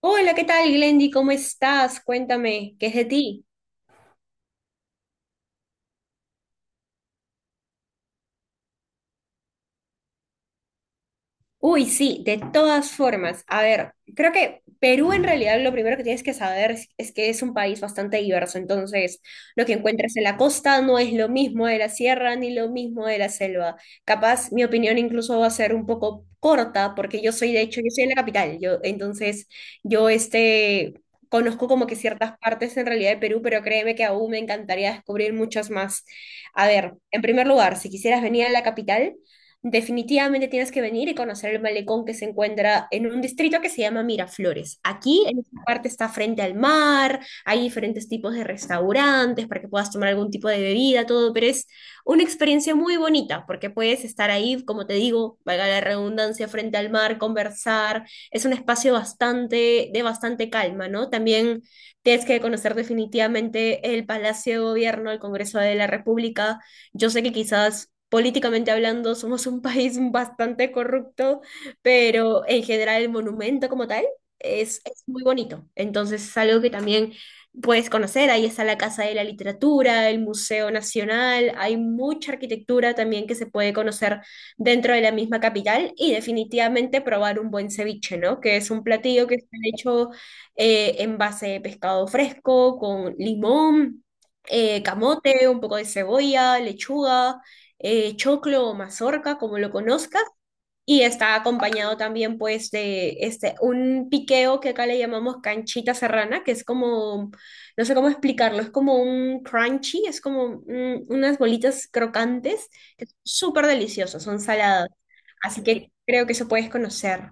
Hola, ¿qué tal, Glendy? ¿Cómo estás? Cuéntame, ¿qué es de ti? Uy, sí, de todas formas. A ver, creo que Perú en realidad lo primero que tienes que saber es que es un país bastante diverso. Entonces, lo que encuentras en la costa no es lo mismo de la sierra ni lo mismo de la selva. Capaz, mi opinión incluso va a ser un poco corta porque de hecho, yo soy de la capital. Entonces, yo este, conozco como que ciertas partes en realidad de Perú, pero créeme que aún me encantaría descubrir muchas más. A ver, en primer lugar, si quisieras venir a la capital. Definitivamente tienes que venir y conocer el malecón que se encuentra en un distrito que se llama Miraflores. Aquí, en esta parte, está frente al mar, hay diferentes tipos de restaurantes para que puedas tomar algún tipo de bebida, todo, pero es una experiencia muy bonita porque puedes estar ahí, como te digo, valga la redundancia, frente al mar, conversar. Es un espacio bastante, de bastante calma, ¿no? También tienes que conocer definitivamente el Palacio de Gobierno, el Congreso de la República. Yo sé que quizás políticamente hablando somos un país bastante corrupto, pero en general el monumento como tal es muy bonito. Entonces es algo que también puedes conocer. Ahí está la Casa de la Literatura, el Museo Nacional, hay mucha arquitectura también que se puede conocer dentro de la misma capital, y definitivamente probar un buen ceviche, ¿no? Que es un platillo que está hecho, en base de pescado fresco, con limón, camote, un poco de cebolla, lechuga, choclo o mazorca, como lo conozcas, y está acompañado también, pues, de este, un piqueo que acá le llamamos canchita serrana, que es como, no sé cómo explicarlo, es como un crunchy, es como unas bolitas crocantes, que son súper deliciosas, son saladas, así que creo que eso puedes conocer.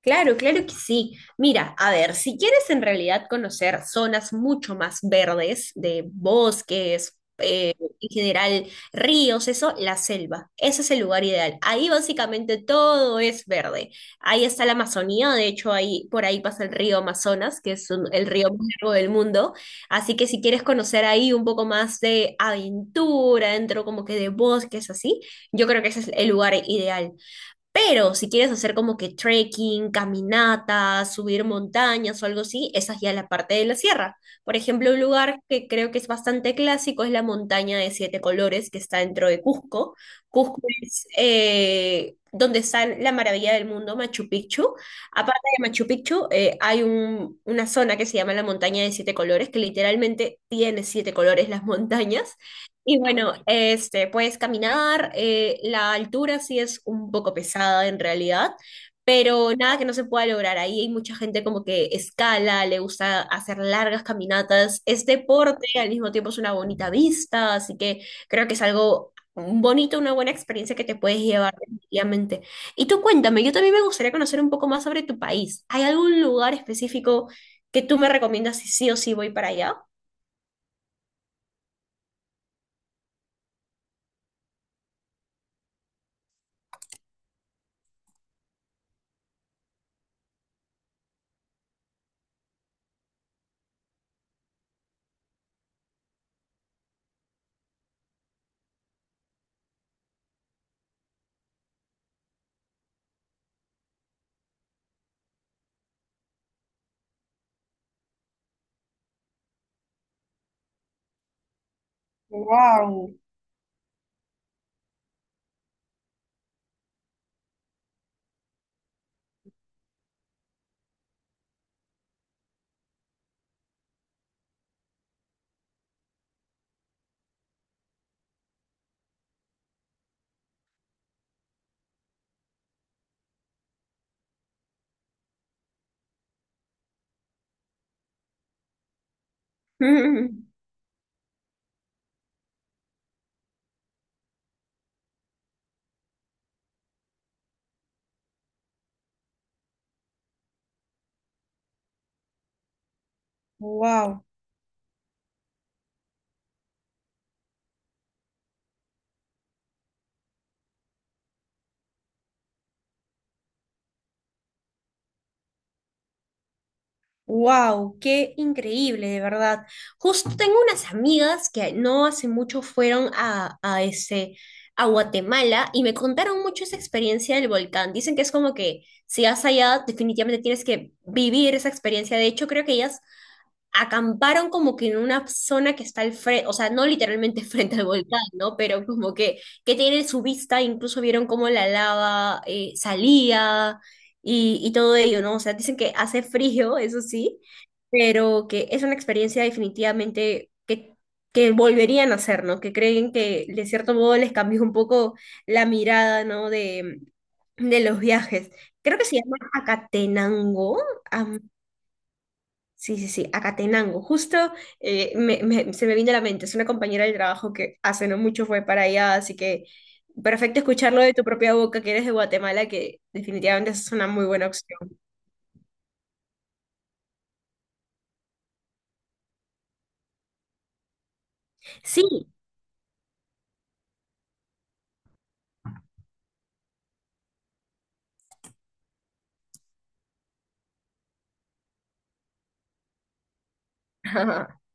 Claro, claro que sí. Mira, a ver, si quieres en realidad conocer zonas mucho más verdes, de bosques, en general ríos, eso, la selva. Ese es el lugar ideal. Ahí básicamente todo es verde. Ahí está la Amazonía, de hecho, ahí por ahí pasa el río Amazonas, que es el río más largo del mundo. Así que si quieres conocer ahí un poco más de aventura, dentro como que de bosques, así, yo creo que ese es el lugar ideal. Pero si quieres hacer como que trekking, caminatas, subir montañas o algo así, esa es ya la parte de la sierra. Por ejemplo, un lugar que creo que es bastante clásico es la montaña de siete colores que está dentro de Cusco. Cusco es, donde está la maravilla del mundo, Machu Picchu. Aparte de Machu Picchu, hay una zona que se llama la montaña de siete colores, que literalmente tiene siete colores las montañas. Y bueno, este, puedes caminar, la altura sí es un poco pesada en realidad, pero nada que no se pueda lograr. Ahí hay mucha gente como que escala, le gusta hacer largas caminatas, es deporte, al mismo tiempo es una bonita vista, así que creo que es algo bonito, una buena experiencia que te puedes llevar definitivamente. Y tú cuéntame, yo también me gustaría conocer un poco más sobre tu país. ¿Hay algún lugar específico que tú me recomiendas si sí o sí voy para allá? Wow, wow. Wow, qué increíble, de verdad. Justo tengo unas amigas que no hace mucho fueron a Guatemala y me contaron mucho esa experiencia del volcán. Dicen que es como que si vas allá, definitivamente tienes que vivir esa experiencia. De hecho, creo que ellas acamparon como que en una zona que está al frente, o sea, no literalmente frente al volcán, ¿no? Pero como que tiene su vista, incluso vieron cómo la lava, salía, y todo ello, ¿no? O sea, dicen que hace frío, eso sí, pero que es una experiencia definitivamente que volverían a hacer, ¿no? Que creen que de cierto modo les cambió un poco la mirada, ¿no? De los viajes. Creo que se llama Acatenango. Sí, sí, sí, Acatenango. Justo se me vino a la mente. Es una compañera del trabajo que hace no mucho fue para allá, así que perfecto escucharlo de tu propia boca, que eres de Guatemala, que definitivamente es una muy buena opción. Sí.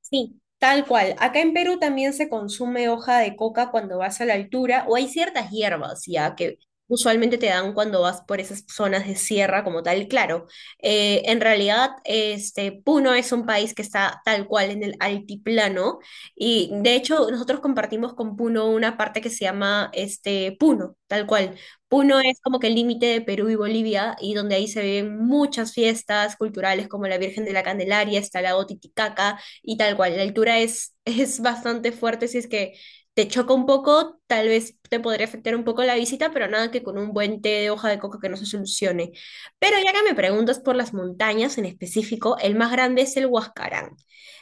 Sí, tal cual. Acá en Perú también se consume hoja de coca cuando vas a la altura, o hay ciertas hierbas ya que usualmente te dan cuando vas por esas zonas de sierra como tal. Claro, en realidad, este, Puno es un país que está tal cual en el altiplano y de hecho nosotros compartimos con Puno una parte que se llama, este, Puno, tal cual. Puno es como que el límite de Perú y Bolivia, y donde ahí se ven muchas fiestas culturales como la Virgen de la Candelaria, está el lago Titicaca y, tal cual, la altura es, es bastante fuerte, si es que te choca un poco, tal vez te podría afectar un poco la visita, pero nada que con un buen té de hoja de coca que no se solucione. Pero ya que me preguntas por las montañas en específico, el más grande es el Huascarán.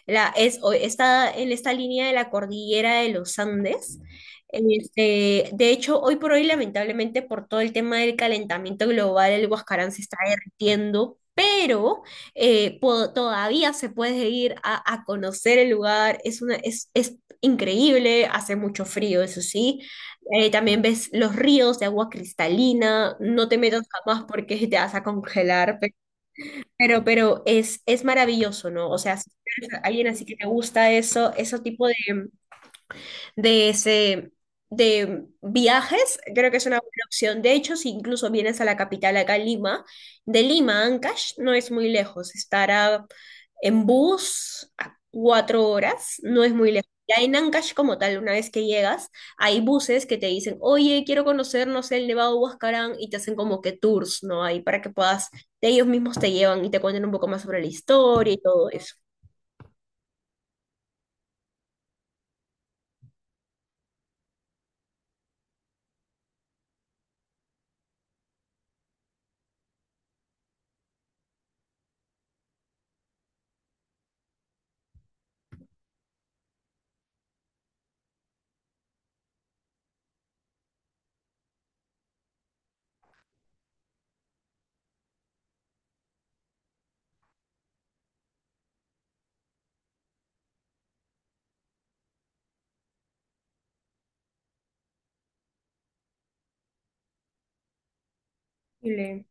La, es, o- está en esta línea de la cordillera de los Andes. Este, de hecho, hoy por hoy, lamentablemente, por todo el tema del calentamiento global, el Huascarán se está derritiendo, pero todavía se puede ir a conocer el lugar, es increíble, hace mucho frío, eso sí. También ves los ríos de agua cristalina, no te metas jamás porque te vas a congelar, pero es maravilloso, ¿no? O sea, si eres alguien así que te gusta eso, ese tipo de ese de viajes, creo que es una buena opción. De hecho, si incluso vienes a la capital acá en Lima, de Lima a Ancash no es muy lejos, estará en bus a 4 horas, no es muy lejos. Ya en Ancash como tal, una vez que llegas, hay buses que te dicen, oye, quiero conocer, no sé, el Nevado de Huascarán, y te hacen como que tours, ¿no? Ahí para que puedas, ellos mismos te llevan y te cuenten un poco más sobre la historia y todo eso. Chile.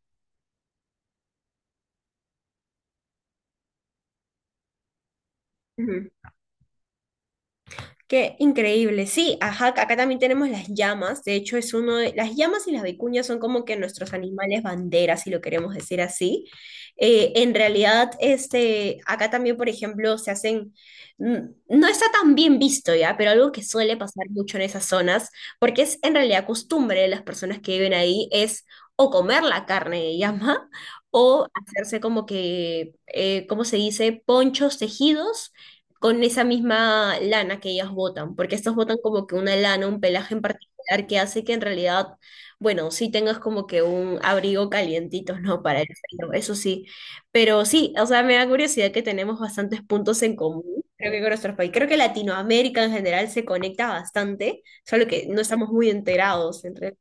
Qué increíble. Sí, ajá, acá también tenemos las llamas. De hecho, es uno de, las llamas y las vicuñas son como que nuestros animales banderas, si lo queremos decir así. En realidad, este, acá también, por ejemplo, se hacen, mm, no está tan bien visto ya, pero algo que suele pasar mucho en esas zonas, porque es en realidad costumbre de las personas que viven ahí, es o comer la carne de llama o hacerse como que, ¿cómo se dice? Ponchos tejidos con esa misma lana que ellas botan, porque estas botan como que una lana, un pelaje en particular que hace que en realidad, bueno, sí tengas como que un abrigo calientito, ¿no? Para el frío, eso sí. Pero sí, o sea, me da curiosidad que tenemos bastantes puntos en común, creo que con nuestros países. Creo que Latinoamérica en general se conecta bastante, solo que no estamos muy enterados entre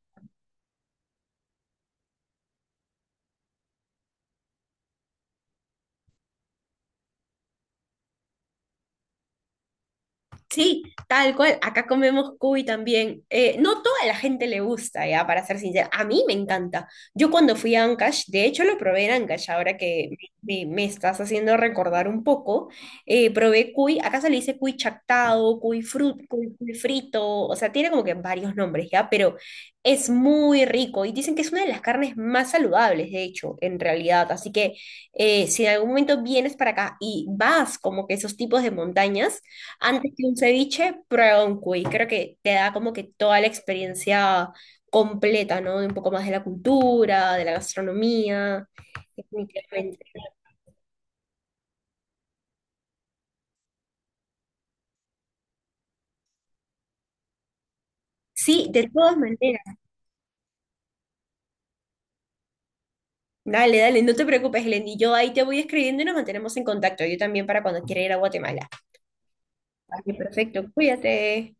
sí, tal cual. Acá comemos cuy también. No toda la gente le gusta, ya, para ser sincera. A mí me encanta. Yo cuando fui a Ancash, de hecho lo probé en Ancash, ahora que me estás haciendo recordar un poco, probé cuy, acá se le dice cuy chactado, cuy, frut, cuy, cuy frito, o sea, tiene como que varios nombres, ya, pero es muy rico y dicen que es una de las carnes más saludables, de hecho, en realidad. Así que, si en algún momento vienes para acá y vas como que esos tipos de montañas, antes que un ceviche, prueba un cuy. Creo que te da como que toda la experiencia completa, ¿no? De un poco más de la cultura, de la gastronomía, definitivamente. Sí, de todas maneras. Dale, dale, no te preocupes, Helen. Y yo ahí te voy escribiendo y nos mantenemos en contacto. Yo también para cuando quiera ir a Guatemala. Vale, perfecto. Cuídate.